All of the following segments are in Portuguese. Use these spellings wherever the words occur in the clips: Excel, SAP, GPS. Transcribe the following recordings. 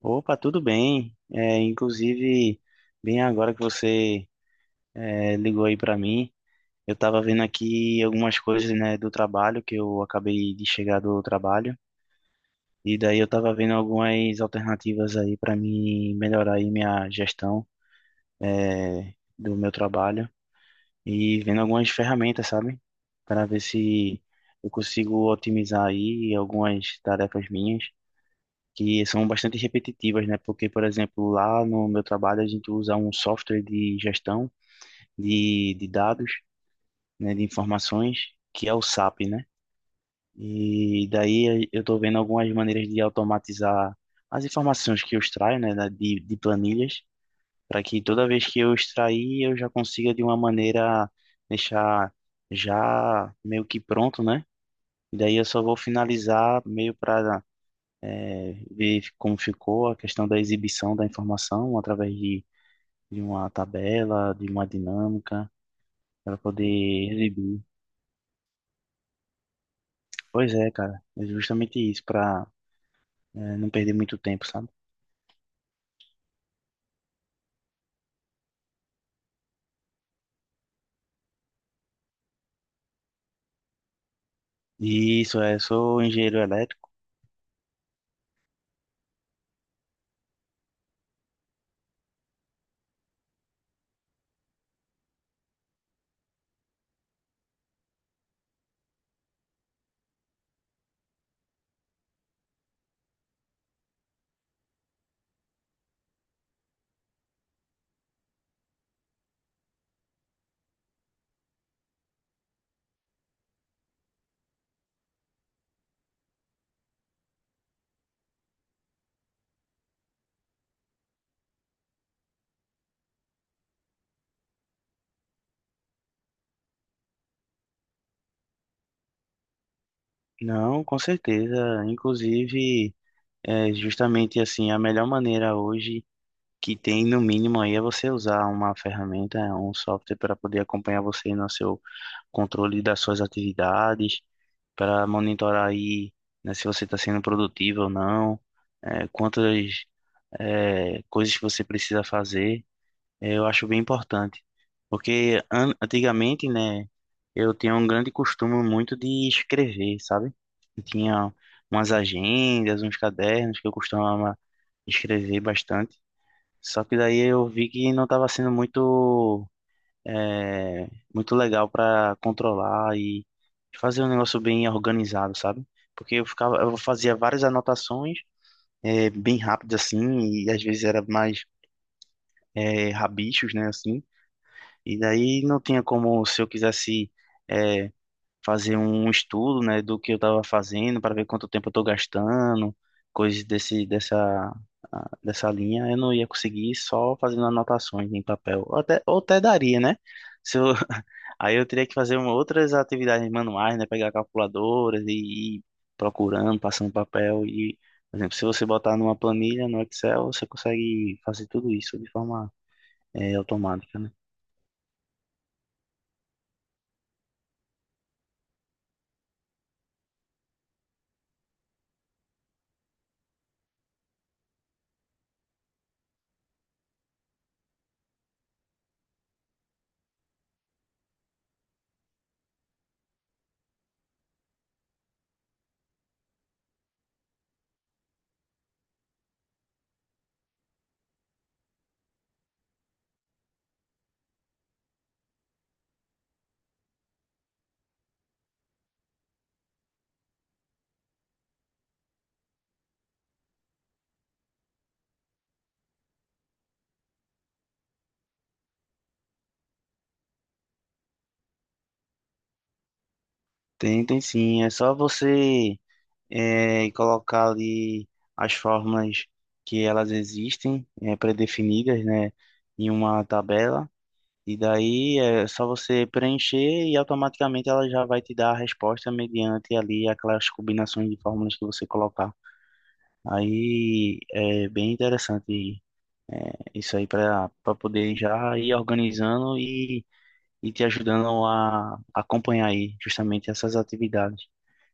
Opa, tudo bem? Inclusive, bem agora que você ligou aí para mim, eu estava vendo aqui algumas coisas, né, do trabalho, que eu acabei de chegar do trabalho, e daí eu estava vendo algumas alternativas aí para mim melhorar aí minha gestão é, do meu trabalho, e vendo algumas ferramentas, sabe? Para ver se eu consigo otimizar aí algumas tarefas minhas que são bastante repetitivas, né? Porque, por exemplo, lá no meu trabalho a gente usa um software de gestão de dados, né? De informações, que é o SAP, né? E daí eu estou vendo algumas maneiras de automatizar as informações que eu extraio, né? De planilhas, para que toda vez que eu extrair eu já consiga de uma maneira deixar já meio que pronto, né? E daí eu só vou finalizar meio para ver como ficou a questão da exibição da informação através de uma tabela, de uma dinâmica, para poder exibir. Pois é, cara, é justamente isso, para não perder muito tempo, sabe? Sou engenheiro elétrico. Não, com certeza. Inclusive, é justamente assim, a melhor maneira hoje que tem, no mínimo, aí é você usar uma ferramenta, um software para poder acompanhar você no seu controle das suas atividades, para monitorar aí, né, se você está sendo produtivo ou não, quantas coisas que você precisa fazer, eu acho bem importante. Porque an antigamente, né, eu tinha um grande costume muito de escrever, sabe? Eu tinha umas agendas, uns cadernos que eu costumava escrever bastante. Só que daí eu vi que não estava sendo é muito legal para controlar e fazer um negócio bem organizado, sabe? Porque eu ficava, eu fazia várias anotações bem rápidas assim, e às vezes era mais rabichos, né, assim. E daí não tinha como, se eu quisesse é, fazer um estudo, né, do que eu estava fazendo para ver quanto tempo eu estou gastando, coisas dessa linha, eu não ia conseguir só fazendo anotações em papel. Ou até daria, né? Se eu, Aí eu teria que fazer outras atividades manuais, né? Pegar calculadoras e ir procurando, passando papel. E, por exemplo, se você botar numa planilha no Excel, você consegue fazer tudo isso de forma automática, né? Tem, tem sim. É só você colocar ali as fórmulas que elas existem, pré-definidas, né? Em uma tabela. E daí é só você preencher e automaticamente ela já vai te dar a resposta mediante ali aquelas combinações de fórmulas que você colocar. Aí é bem interessante isso aí para poder já ir organizando e te ajudando a acompanhar aí justamente essas atividades.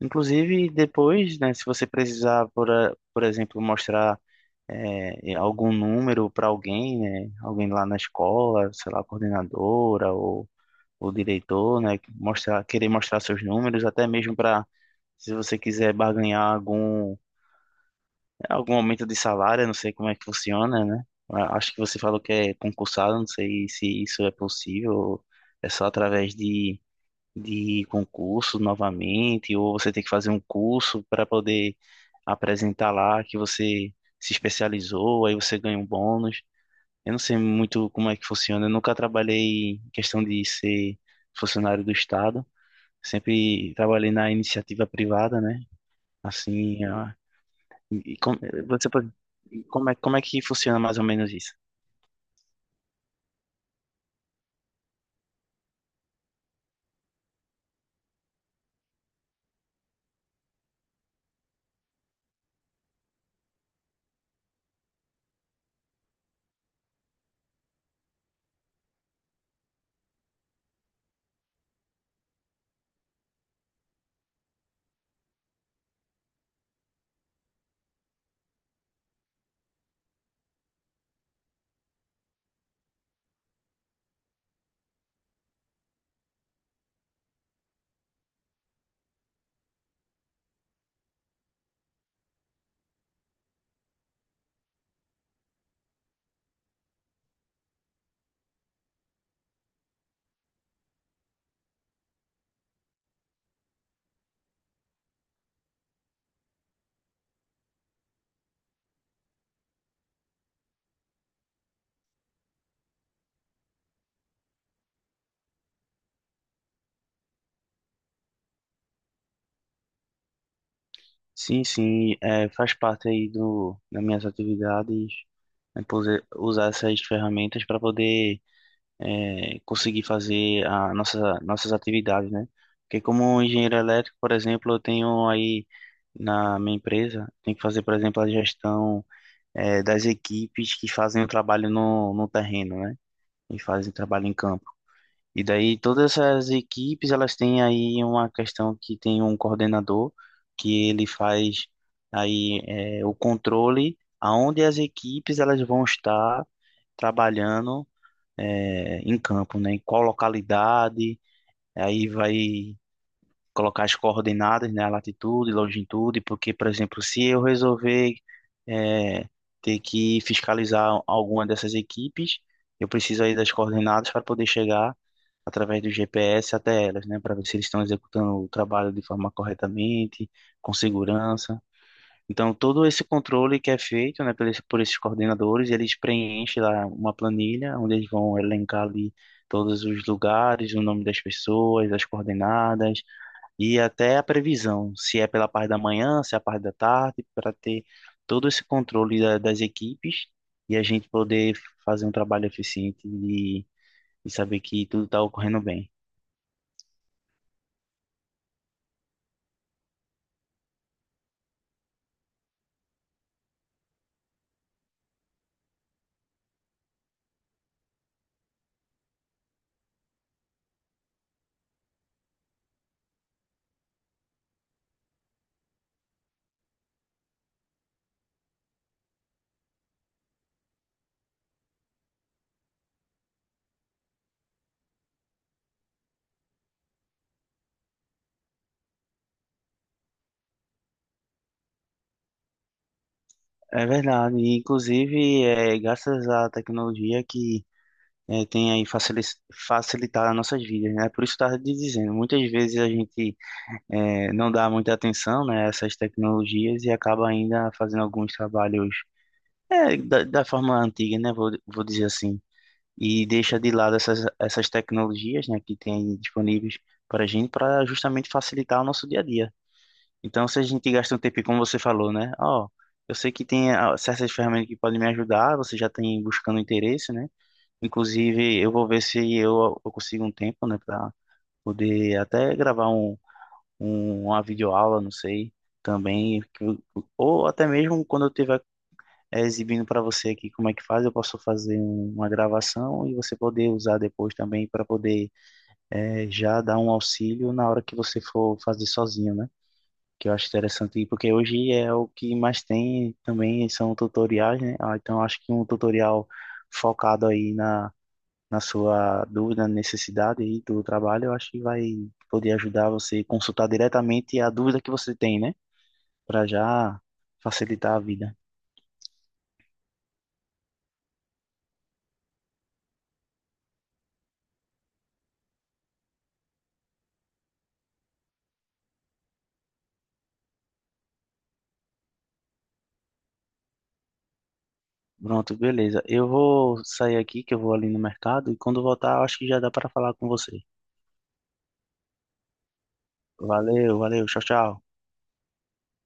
Inclusive depois, né, se você precisar, por exemplo, mostrar algum número para alguém, né, alguém lá na escola, sei lá, coordenadora ou o diretor, né? Mostrar, querer mostrar seus números, até mesmo para se você quiser barganhar algum aumento de salário, eu não sei como é que funciona, né? Acho que você falou que é concursado, não sei se isso é possível, ou é só através de concurso novamente, ou você tem que fazer um curso para poder apresentar lá que você se especializou, aí você ganha um bônus. Eu não sei muito como é que funciona, eu nunca trabalhei em questão de ser funcionário do Estado. Sempre trabalhei na iniciativa privada, né? Assim, ah, e e com- você pode, como é que funciona mais ou menos isso? Sim, sim, é, faz parte aí do, das minhas atividades, né, usar essas ferramentas para poder conseguir fazer a nossas atividades, né? Porque como engenheiro elétrico, por exemplo, eu tenho aí na minha empresa, tem que fazer, por exemplo, a gestão das equipes que fazem o trabalho no terreno, né? E fazem trabalho em campo. E daí todas essas equipes, elas têm aí uma questão que tem um coordenador que ele faz aí o controle aonde as equipes elas vão estar trabalhando em campo, né? Em qual localidade, aí vai colocar as coordenadas, né, a latitude, longitude, porque, por exemplo, se eu resolver eh, ter que fiscalizar alguma dessas equipes, eu preciso aí das coordenadas para poder chegar através do GPS até elas, né, para ver se eles estão executando o trabalho de forma corretamente, com segurança. Então, todo esse controle que é feito, né, por esses coordenadores, eles preenchem lá uma planilha onde eles vão elencar ali todos os lugares, o nome das pessoas, as coordenadas, e até a previsão, se é pela parte da manhã, se é a parte da tarde, para ter todo esse controle das equipes e a gente poder fazer um trabalho eficiente e saber que tudo está ocorrendo bem. É verdade, e, inclusive é graças à tecnologia que tem aí facilitar as nossas vidas, né? Por isso estava dizendo, muitas vezes a gente não dá muita atenção, né, a essas tecnologias e acaba ainda fazendo alguns trabalhos da, da forma antiga, né? Vou, vou dizer assim, e deixa de lado essas tecnologias, né, que tem disponíveis para a gente para justamente facilitar o nosso dia a dia. Então, se a gente gasta um tempo, como você falou, né? Ó, eu sei que tem certas ferramentas que podem me ajudar, você já tem buscando interesse, né? Inclusive, eu vou ver se eu consigo um tempo, né, para poder até gravar uma videoaula, não sei, também, ou até mesmo quando eu tiver exibindo para você aqui como é que faz. Eu posso fazer uma gravação e você poder usar depois também para poder já dar um auxílio na hora que você for fazer sozinho, né? Que eu acho interessante, porque hoje é o que mais tem também são tutoriais, né? Então eu acho que um tutorial focado aí na sua dúvida, necessidade aí do trabalho, eu acho que vai poder ajudar você a consultar diretamente a dúvida que você tem, né? Para já facilitar a vida. Pronto, beleza. Eu vou sair aqui, que eu vou ali no mercado, e quando voltar, eu acho que já dá para falar com você. Valeu, valeu, tchau, tchau.